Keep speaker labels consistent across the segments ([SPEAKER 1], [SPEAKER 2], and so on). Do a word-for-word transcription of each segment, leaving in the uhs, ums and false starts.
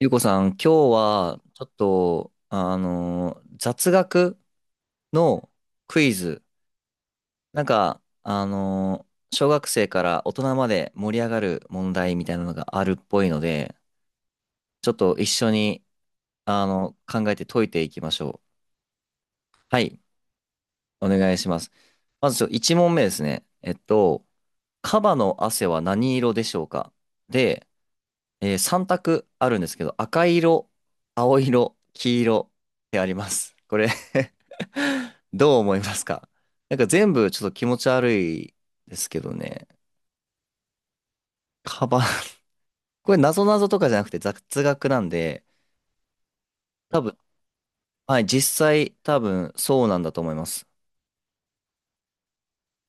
[SPEAKER 1] ゆうこさん、今日はちょっと、あのー雑学のクイズ。なんか、あのー小学生から大人まで盛り上がる問題みたいなのがあるっぽいので、ちょっと一緒に、あの、考えて解いていきましょう。はい、お願いします。まずちょ、いちもんめ問目ですね。えっと、カバの汗は何色でしょうか？で、えー、さんたく択あるんですけど、赤色、青色、黄色ってあります。これ、 どう思いますか？なんか全部ちょっと気持ち悪いですけどね。カバン。 これ謎々とかじゃなくて雑学なんで、多分、はい、実際多分そうなんだと思います。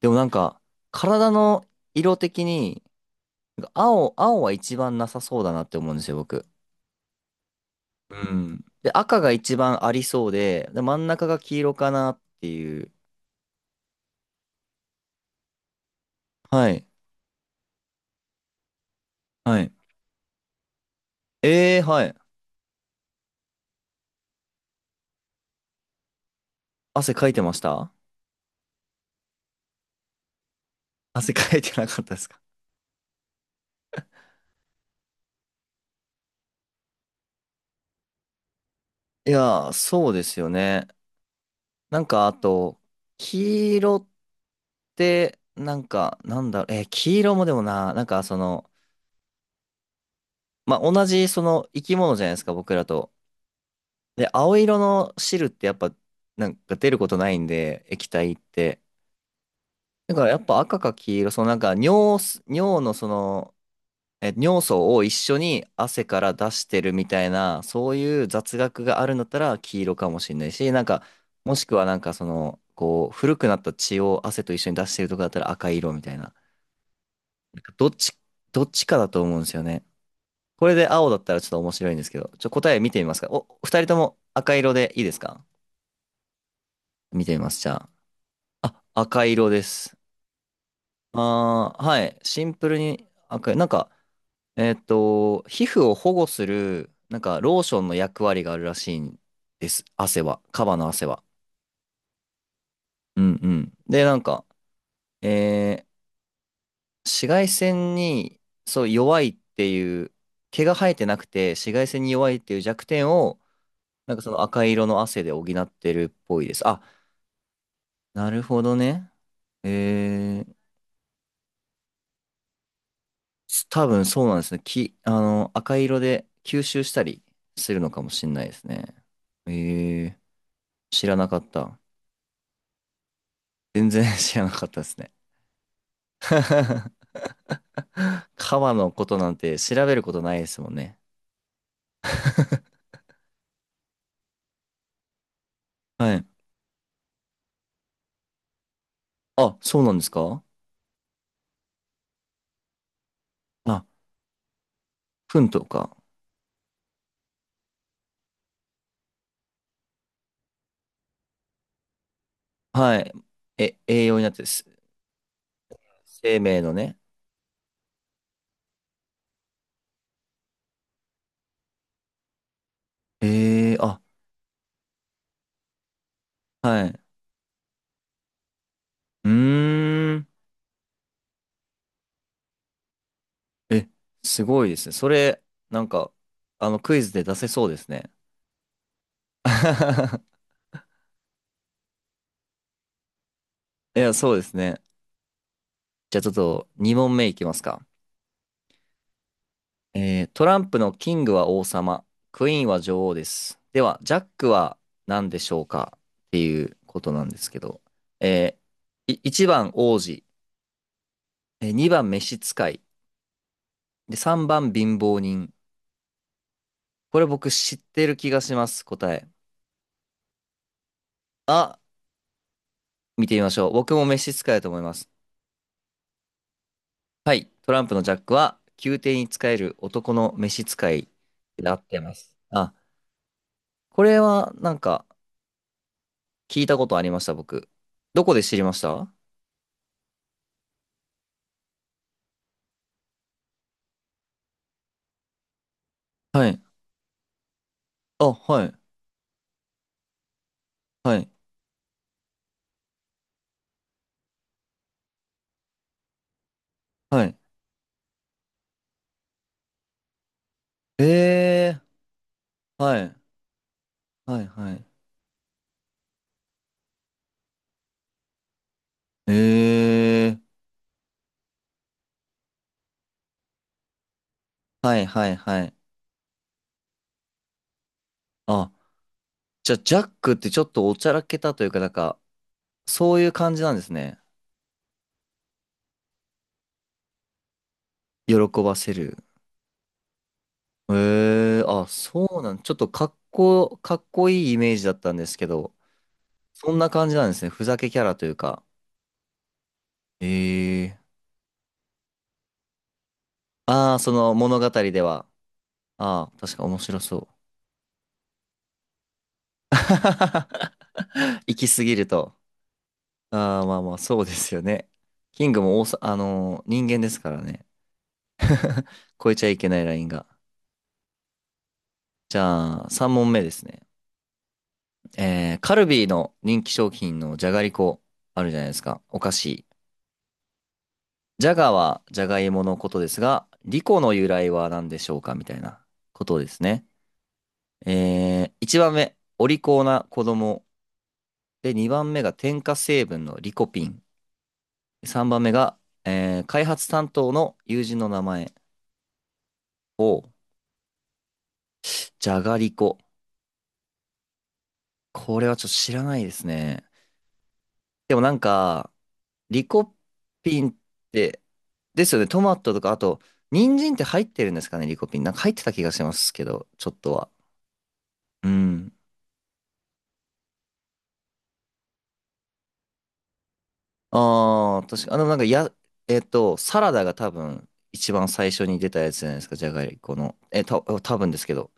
[SPEAKER 1] でもなんか、体の色的に、青、青は一番なさそうだなって思うんですよ、僕。うん。で、赤が一番ありそうで、で、真ん中が黄色かなっていう。はい。はい。ええ、はい。汗かいてました？ 汗かいてなかったですか？いやー、そうですよね。なんか、あと、黄色って、なんか、なんだろう、えー黄色もでもな、なんか、その、まあ、同じ、その、生き物じゃないですか、僕らと。で、青色の汁ってやっぱ、なんか出ることないんで、液体って。だから、やっぱ赤か黄色、その、なんか、尿す、尿の、その、え、尿素を一緒に汗から出してるみたいな、そういう雑学があるんだったら黄色かもしれないし、なんか、もしくはなんかその、こう、古くなった血を汗と一緒に出してるとかだったら赤い色みたいな。なんかどっち、どっちかだと思うんですよね。これで青だったらちょっと面白いんですけど、ちょ、答え見てみますか。お、ふたりとも赤色でいいですか？見てみます、じゃあ。あ、赤色です。あー、はい。シンプルに赤い。なんか、えーっと、皮膚を保護する、なんか、ローションの役割があるらしいんです。汗は。カバの汗は。うんうん。で、なんか、えー紫外線に、そう、弱いっていう、毛が生えてなくて、紫外線に弱いっていう弱点を、なんかその赤色の汗で補ってるっぽいです。あ、なるほどね。えー、多分そうなんですね。き、あの、赤色で吸収したりするのかもしれないですね。えー、知らなかった。全然知らなかったですね。川のことなんて調べることないですもんね。はい。あ、そうなんですか？あ、糞とか。はい。え、栄養になってす、生命のね。ええあ、はい。うーん。え、すごいですね。それ、なんか、あの、クイズで出せそうですね。いや、そうですね。じゃあちょっと、にもんめ問目いきますか？えートランプのキングは王様、クイーンは女王です。では、ジャックは何でしょうかっていうことなんですけど、えー、いちばん王子、えにばん召使い、で、さんばん貧乏人。これ僕知ってる気がします、答え。あ、見てみましょう。僕も召使いだと思います。はい、トランプのジャックは宮廷に仕える男の召使いで合ってます。あ、これはなんか聞いたことありました、僕。どこで知りました？はい。あ、はい、はい、はい。えー、はい、はい、はい。えー、はい、はい、はい。あ、じゃあ、ジャックってちょっとおちゃらけたというか、なんか、そういう感じなんですね。喜ばせる。えー、あ、そうなん、ちょっとかっこ、かっこいいイメージだったんですけど、そんな感じなんですね。ふざけキャラというか。えー、ああ、その物語では。ああ、確か面白そう。行き過ぎると。ああ、まあまあ、そうですよね。キングも大さ、あのー人間ですからね。超えちゃいけないラインが。じゃあ、さんもんめ問目ですね。えー、カルビーの人気商品のじゃがりこ、あるじゃないですか。お菓子。じゃがはじゃがいものことですが、リコの由来は何でしょうかみたいなことですね。えー、いちばんめ、お利口な子供。で、にばんめが添加成分のリコピン。さんばんめが、えー開発担当の友人の名前を、じゃがりこ。これはちょっと知らないですね。でもなんか、リコピンって、ですよね、トマトとか、あと、人参って入ってるんですかね、リコピン。なんか入ってた気がしますけど、ちょっとは。うん。ああ、確か、あの、なんか、や、えっと、サラダが多分、いちばんさいしょに出たやつじゃないですか、じゃがりこの。え、た、多分ですけど。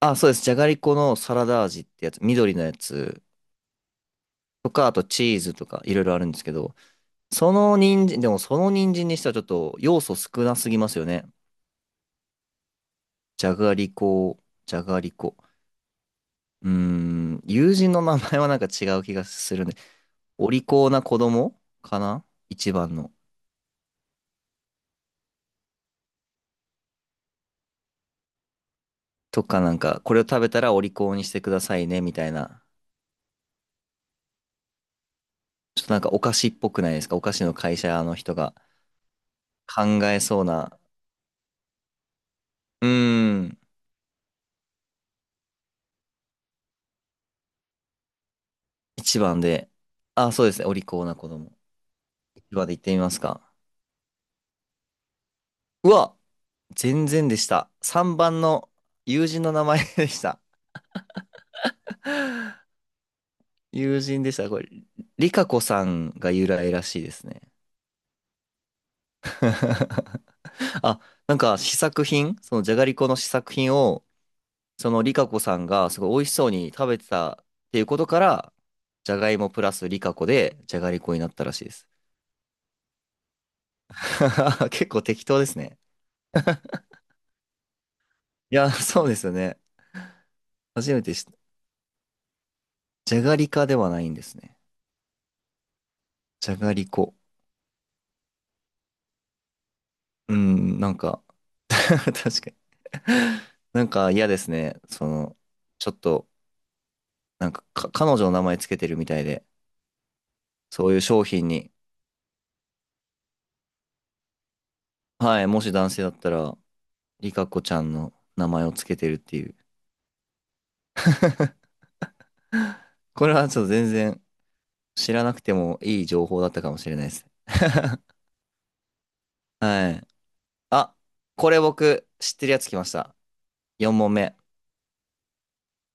[SPEAKER 1] あ、そうです。じゃがりこのサラダ味ってやつ、緑のやつとか、あとチーズとか、いろいろあるんですけど、その人参、でもその人参にしてはちょっと要素少なすぎますよね。じゃがりこ、じゃがりこ。うーん、友人の名前はなんか違う気がするね。お利口な子供かな、一番の。とかなんか、これを食べたらお利口にしてくださいね、みたいな。ちょっとなんかお菓子っぽくないですか？お菓子の会社の人が考えそうな。うーん、一番で。あ、そうですね。お利口な子供。一番で言ってみますか？うわ、全然でした。さんばんの友人の名前でした。友人でした。これ、リカコさんが由来らしいですね。あ、なんか試作品、そのじゃがりこの試作品を、そのリカコさんがすごい美味しそうに食べてたっていうことから、じゃがいもプラスリカコでじゃがりこになったらしいです。結構適当ですね。いや、そうですよね。初めて知った。じゃがりかではないんですね。じゃがりこ。うん、なんか 確かになんか嫌ですね。その、ちょっと、なんか、か彼女の名前つけてるみたいで、そういう商品に、はい、もし男性だったら、リカコちゃんの名前をつけてるっていう。これはちょっと全然知らなくてもいい情報だったかもしれないです。はい。あ、これ僕知ってるやつ来ました。よんもんめ問目。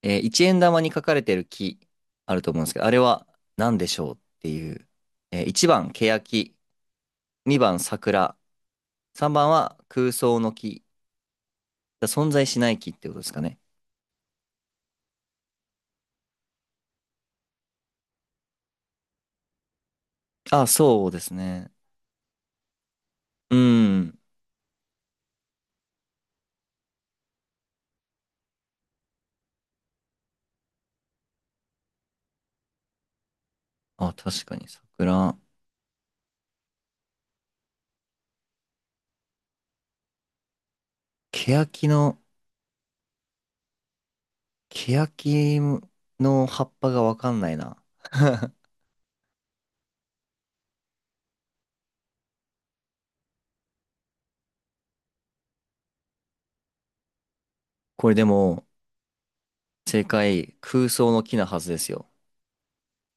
[SPEAKER 1] えー、円玉に書かれてる木あると思うんですけど、あれは何でしょうっていう。えー、いちばん、ケヤキ。にばん、桜。さんばんは空想の木。存在しない木ってことですかね。あ、そうですね。うん。あ、確かに桜。欅の、欅の葉っぱがわかんないな。これでも、正解、空想の木なはずですよ。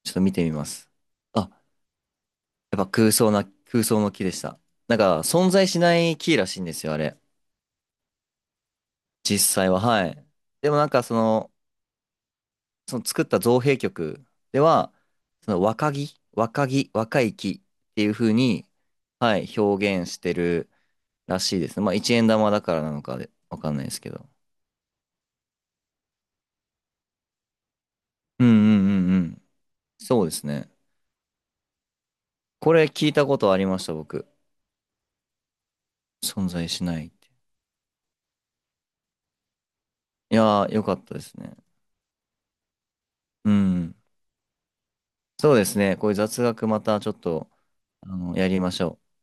[SPEAKER 1] ちょっと見てみます。あ、やっぱ空想な、空想の木でした。なんか、存在しない木らしいんですよ、あれ。実際は、はい。でもなんか、その、その、作った造幣局では、その若木、若木、若い木っていう風に、はい、表現してる。らしいですね。まあ、いちえんだまだからなのかで、わかんないですけど。うんうんうんうん。そうですね。これ聞いたことありました、僕。存在しないって。いやー、よかったですね。うん。そうですね。こういう雑学またちょっと、あの、やりましょう。